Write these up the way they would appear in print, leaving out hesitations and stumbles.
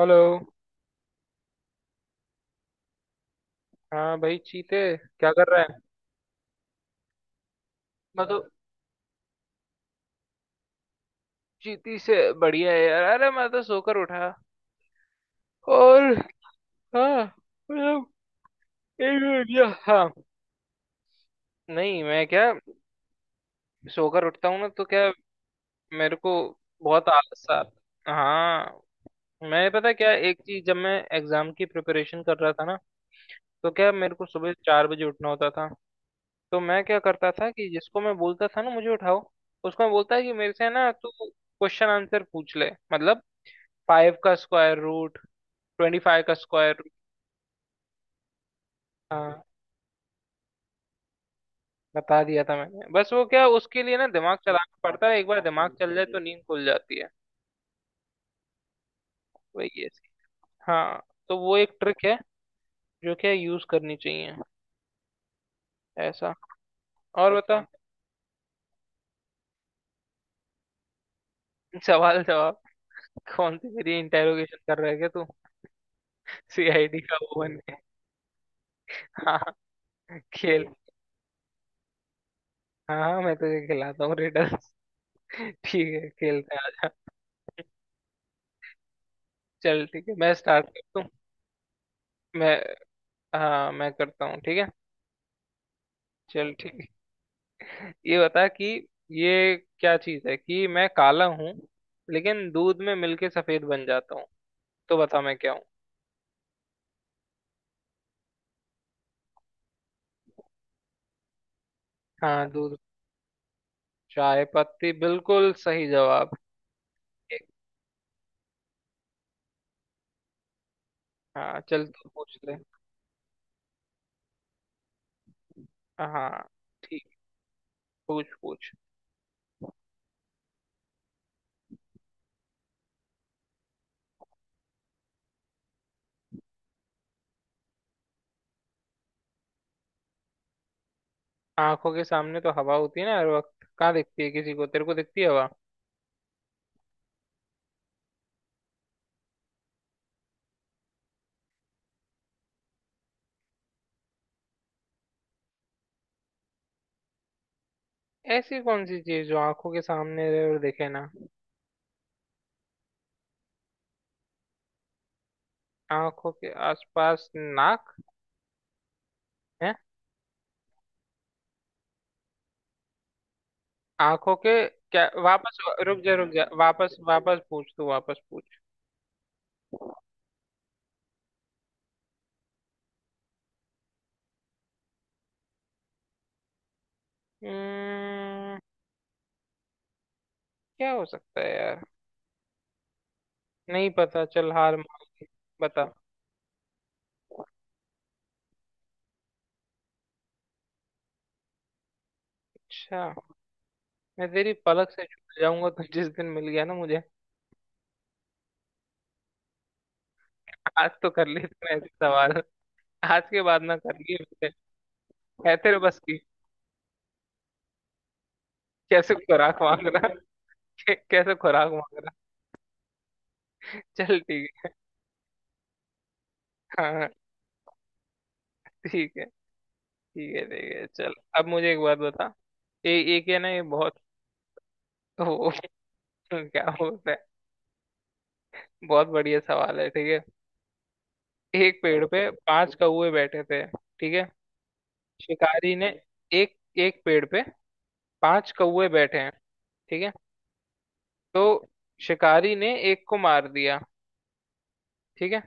Hello. हाँ भाई, चीते क्या कर रहा है। मैं तो चीती से बढ़िया है यार। अरे मैं तो सोकर उठा और हाँ मतलब एक मिनट, या हाँ नहीं, मैं क्या सोकर उठता हूँ ना तो क्या मेरे को बहुत आलस आ। हाँ, मैं पता क्या एक चीज, जब मैं एग्जाम की प्रिपरेशन कर रहा था ना, तो क्या मेरे को सुबह 4 बजे उठना होता था। तो मैं क्या करता था कि जिसको मैं बोलता था ना मुझे उठाओ, उसको मैं बोलता कि मेरे से ना तू क्वेश्चन आंसर पूछ ले, मतलब 5 का स्क्वायर रूट, 25 का स्क्वायर रूट। हाँ, बता दिया था मैंने। बस वो क्या, उसके लिए ना दिमाग चलाना पड़ता है, एक बार दिमाग चल जाए तो नींद खुल जाती है। वही है सीन। हाँ, तो वो एक ट्रिक है जो क्या यूज करनी चाहिए ऐसा। और बता, सवाल जवाब कौन सी मेरी इंटेरोगेशन कर रहा है क्या तू। सीआईडी का वो बन के। हाँ। खेल। हाँ हाँ, मैं तुझे खिलाता हूँ रिडल्स। ठीक है, खेलते हैं, आजा। चल ठीक है, मैं स्टार्ट करता हूँ। मैं। हाँ, मैं करता हूँ, ठीक है। चल ठीक है, ये बता कि ये क्या चीज है कि मैं काला हूँ लेकिन दूध में मिलके सफेद बन जाता हूँ। तो बता मैं क्या हूँ। हाँ दूध, चाय पत्ती, बिल्कुल सही जवाब। हाँ चल, तू पूछ ले। हाँ, ठीक, पूछ पूछ। आंखों के सामने तो हवा होती है ना हर वक्त, कहाँ दिखती है किसी को, तेरे को दिखती है हवा। ऐसी कौन सी चीज जो आंखों के सामने रहे और दिखे ना। आंखों के आसपास नाक है। आंखों के क्या वापस, रुक जा रुक जा, वापस वापस पूछ, तू वापस पूछ। हम्म, क्या हो सकता है यार। नहीं पता, चल हार मान ली। बता। अच्छा, मैं तेरी पलक से छूट जाऊंगा तो जिस दिन मिल गया ना मुझे। आज तो कर लिए तूने ऐसे सवाल। आज के बाद ना कर लिए मुझे। है तेरे बस की। कैसे खुराक मांग रहा। कैसे खुराक मांग रहा। चल ठीक है। हाँ हाँ, ठीक है, ठीक है, ठीक है, चल। अब मुझे एक बात बता। ए, एक है ना ये बहुत वो, क्या बोलते हैं, बहुत बढ़िया सवाल है, ठीक है। एक पेड़ पे 5 कौवे बैठे थे, ठीक है। शिकारी ने, एक एक पेड़ पे 5 कौवे बैठे हैं, ठीक है। तो शिकारी ने एक को मार दिया, ठीक है।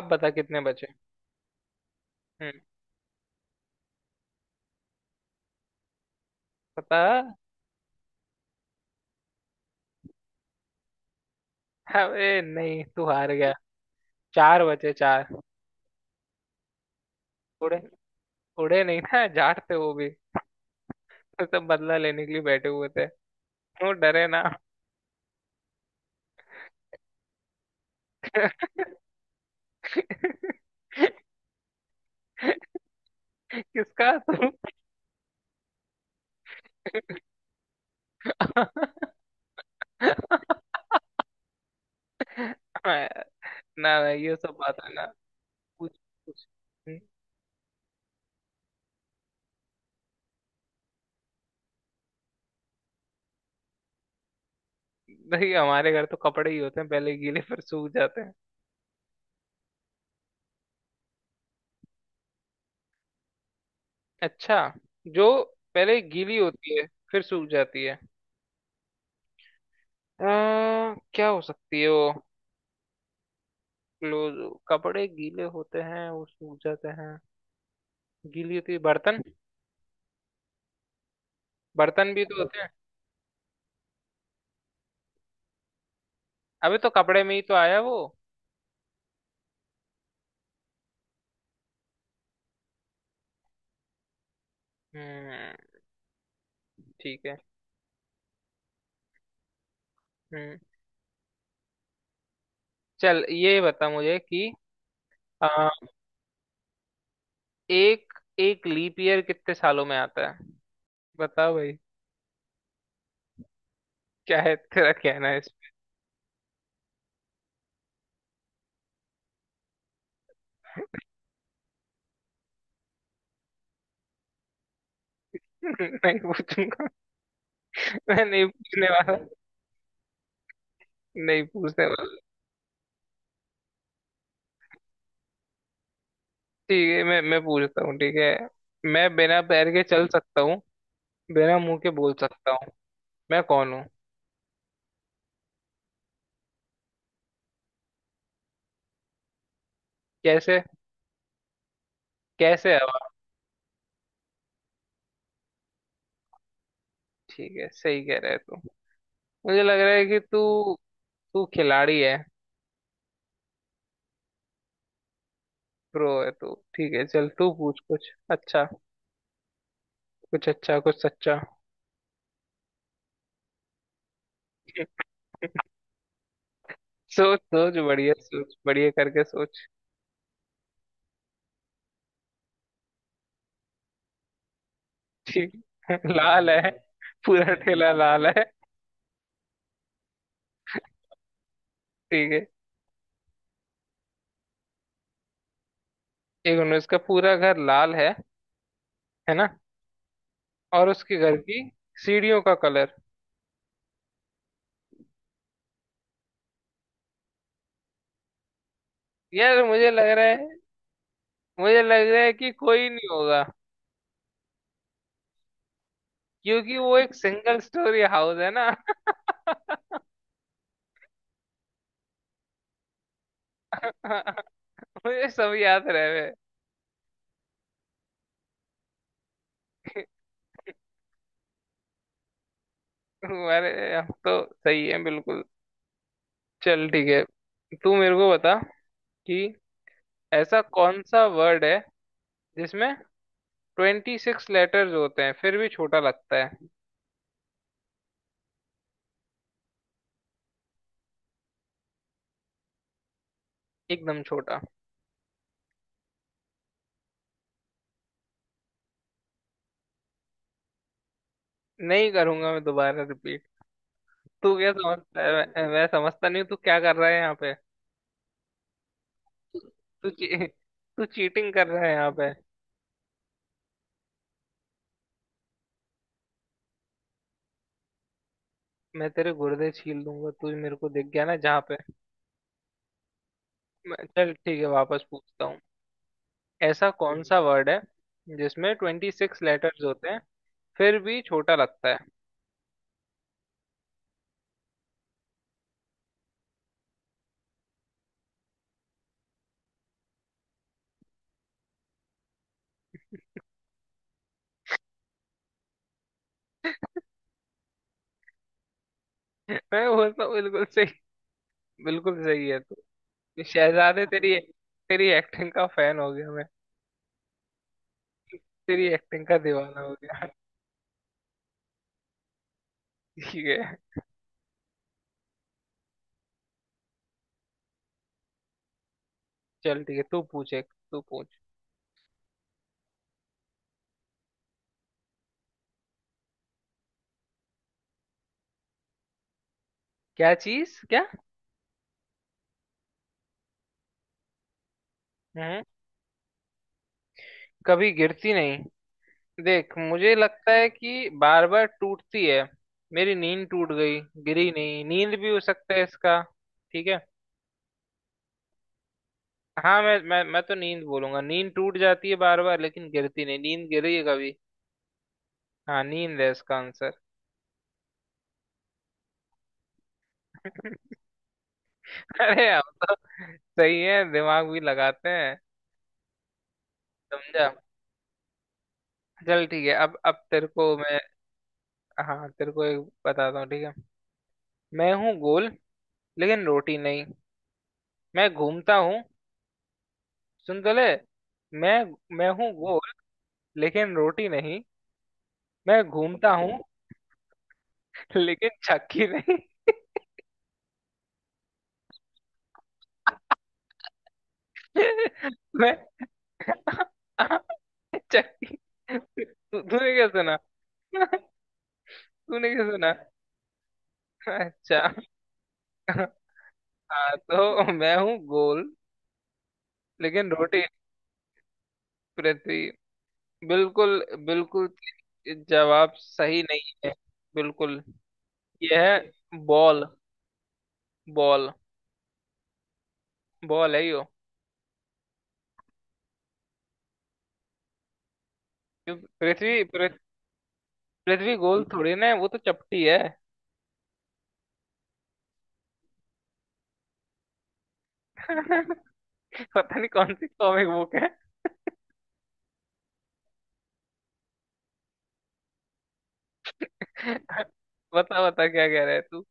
आप बता कितने बचे। हम्म पता। अरे नहीं, तू हार गया। 4 बचे, 4। उड़े, उड़े नहीं ना, जाट थे वो भी, तो सब बदला लेने के लिए बैठे हुए थे, वो डरे ना। किसका तुम। ना ना, ये सब बात है ना। पूछ पूछ। हम्म। नहीं, हमारे घर तो कपड़े ही होते हैं, पहले गीले फिर सूख जाते हैं। अच्छा, जो पहले गीली होती है फिर सूख जाती है क्या हो सकती है वो। क्लोज, कपड़े गीले होते हैं वो सूख जाते हैं। गीली होती है बर्तन, बर्तन भी तो होते हैं। अबे तो कपड़े में ही तो आया वो। हम्म। ठीक है। हम्म। चल ये बता मुझे कि आ, एक एक लीप ईयर कितने सालों में आता है। बताओ भाई, क्या है तेरा कहना है इस पे? नहीं पूछूंगा, मैं नहीं पूछने वाला, नहीं पूछने वाला। ठीक है, मैं पूछता हूँ, ठीक है। मैं बिना पैर के चल सकता हूँ, बिना मुंह के बोल सकता हूँ, मैं कौन हूँ। कैसे, कैसे हवा। ठीक है, सही कह रहे तू। मुझे लग रहा है कि तू, तू खिलाड़ी है। प्रो है तू, ठीक है, चल तू पूछ कुछ अच्छा, कुछ अच्छा कुछ सच्चा। सोच सोच, बढ़िया सोच, बढ़िया करके सोच। ठीक है। लाल है, पूरा ठेला लाल है, ठीक है। एक मिनट, इसका पूरा घर लाल है ना। और उसके घर की सीढ़ियों का कलर, यार मुझे लग रहा है, मुझे लग रहा है कि कोई नहीं होगा, क्योंकि वो एक सिंगल स्टोरी हाउस है ना। मुझे सब याद रह गए। अरे हम तो सही है बिल्कुल। चल ठीक है, तू मेरे को बता कि ऐसा कौन सा वर्ड है जिसमें 26 लेटर्स होते हैं फिर भी छोटा लगता है, एकदम छोटा। नहीं करूंगा मैं दोबारा रिपीट। तू क्या समझता है, मैं समझता नहीं हूँ तू क्या कर रहा है यहाँ पे। तू ची, तू चीटिंग कर रहा है यहाँ पे। मैं तेरे गुर्दे छील दूंगा, तू मेरे को दिख गया ना जहाँ पे। चल ठीक है, वापस पूछता हूँ। ऐसा कौन सा वर्ड है जिसमें 26 लेटर्स होते हैं फिर भी छोटा लगता है। मैं बोलता हूँ बिल्कुल सही, बिल्कुल सही है तू। शहजादे, तेरी तेरी एक्टिंग का फैन हो गया मैं, तेरी एक्टिंग का दीवाना हो गया। ठीक है, चल ठीक है, तू पूछ, एक तू पूछ। क्या चीज, क्या। हम्म, कभी गिरती नहीं। देख मुझे लगता है कि बार बार टूटती है, मेरी नींद टूट गई, गिरी नहीं, नींद भी हो सकता है इसका, ठीक है। हाँ, मैं तो नींद बोलूंगा, नींद टूट जाती है बार बार लेकिन गिरती नहीं, नींद गिरी है कभी। हाँ, नींद है इसका आंसर। अरे हम तो सही है, दिमाग भी लगाते हैं, समझा। चल ठीक है, अब तेरे को मैं, हाँ तेरे को एक बताता हूँ, ठीक है। मैं हूँ गोल लेकिन रोटी नहीं, मैं घूमता हूँ, सुन तो ले। मैं मैं हूँ गोल लेकिन रोटी नहीं, मैं घूमता हूँ, लेकिन चक्की नहीं। मैं चक्की। तूने क्या सुना। तूने क्या सुना। अच्छा। हाँ तो मैं हूँ गोल लेकिन रोटी, पृथ्वी, बिल्कुल बिल्कुल, जवाब सही नहीं है बिल्कुल। यह है बॉल, बॉल, बॉल है यो। पृथ्वी पृथ्वी गोल थोड़ी ना है, वो तो चपटी है। पता नहीं कौन सी कॉमिक बुक है। बता बता क्या कह रहा है तू।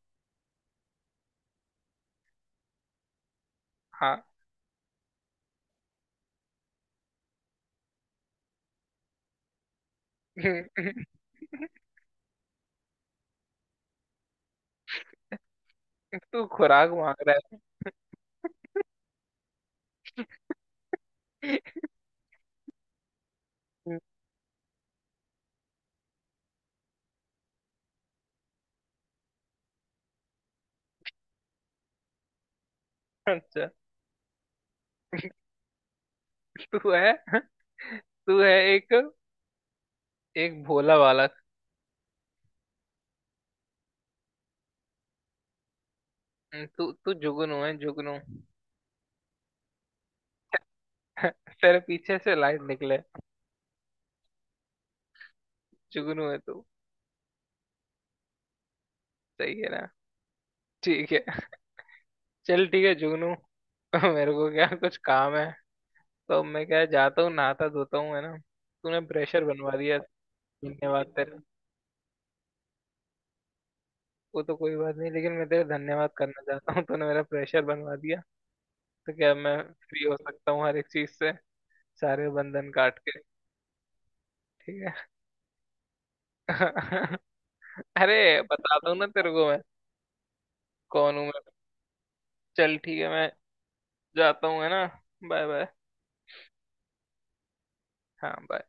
हाँ। तू खुराक मांग रहा है। अच्छा, तू है, तू है एक, एक भोला बालक। तू तू जुगनू है, जुगनू। तेरे पीछे से लाइट निकले, जुगनू है तू, सही है ना। ठीक है, चल ठीक है जुगनू। मेरे को क्या कुछ काम है, तो मैं क्या जाता हूँ, नहाता धोता हूँ, है ना। तूने प्रेशर बनवा दिया, धन्यवाद तेरे। वो तो कोई बात नहीं, लेकिन मैं तेरा धन्यवाद करना चाहता हूँ, तूने मेरा प्रेशर बनवा दिया। तो क्या मैं फ्री हो सकता हूँ हर एक चीज से, सारे बंधन काट के, ठीक है। अरे बता दूँ ना तेरे को, मैं कौन हूँ मैं। चल ठीक है, मैं जाता हूँ, है ना। Bye bye. हाँ bye।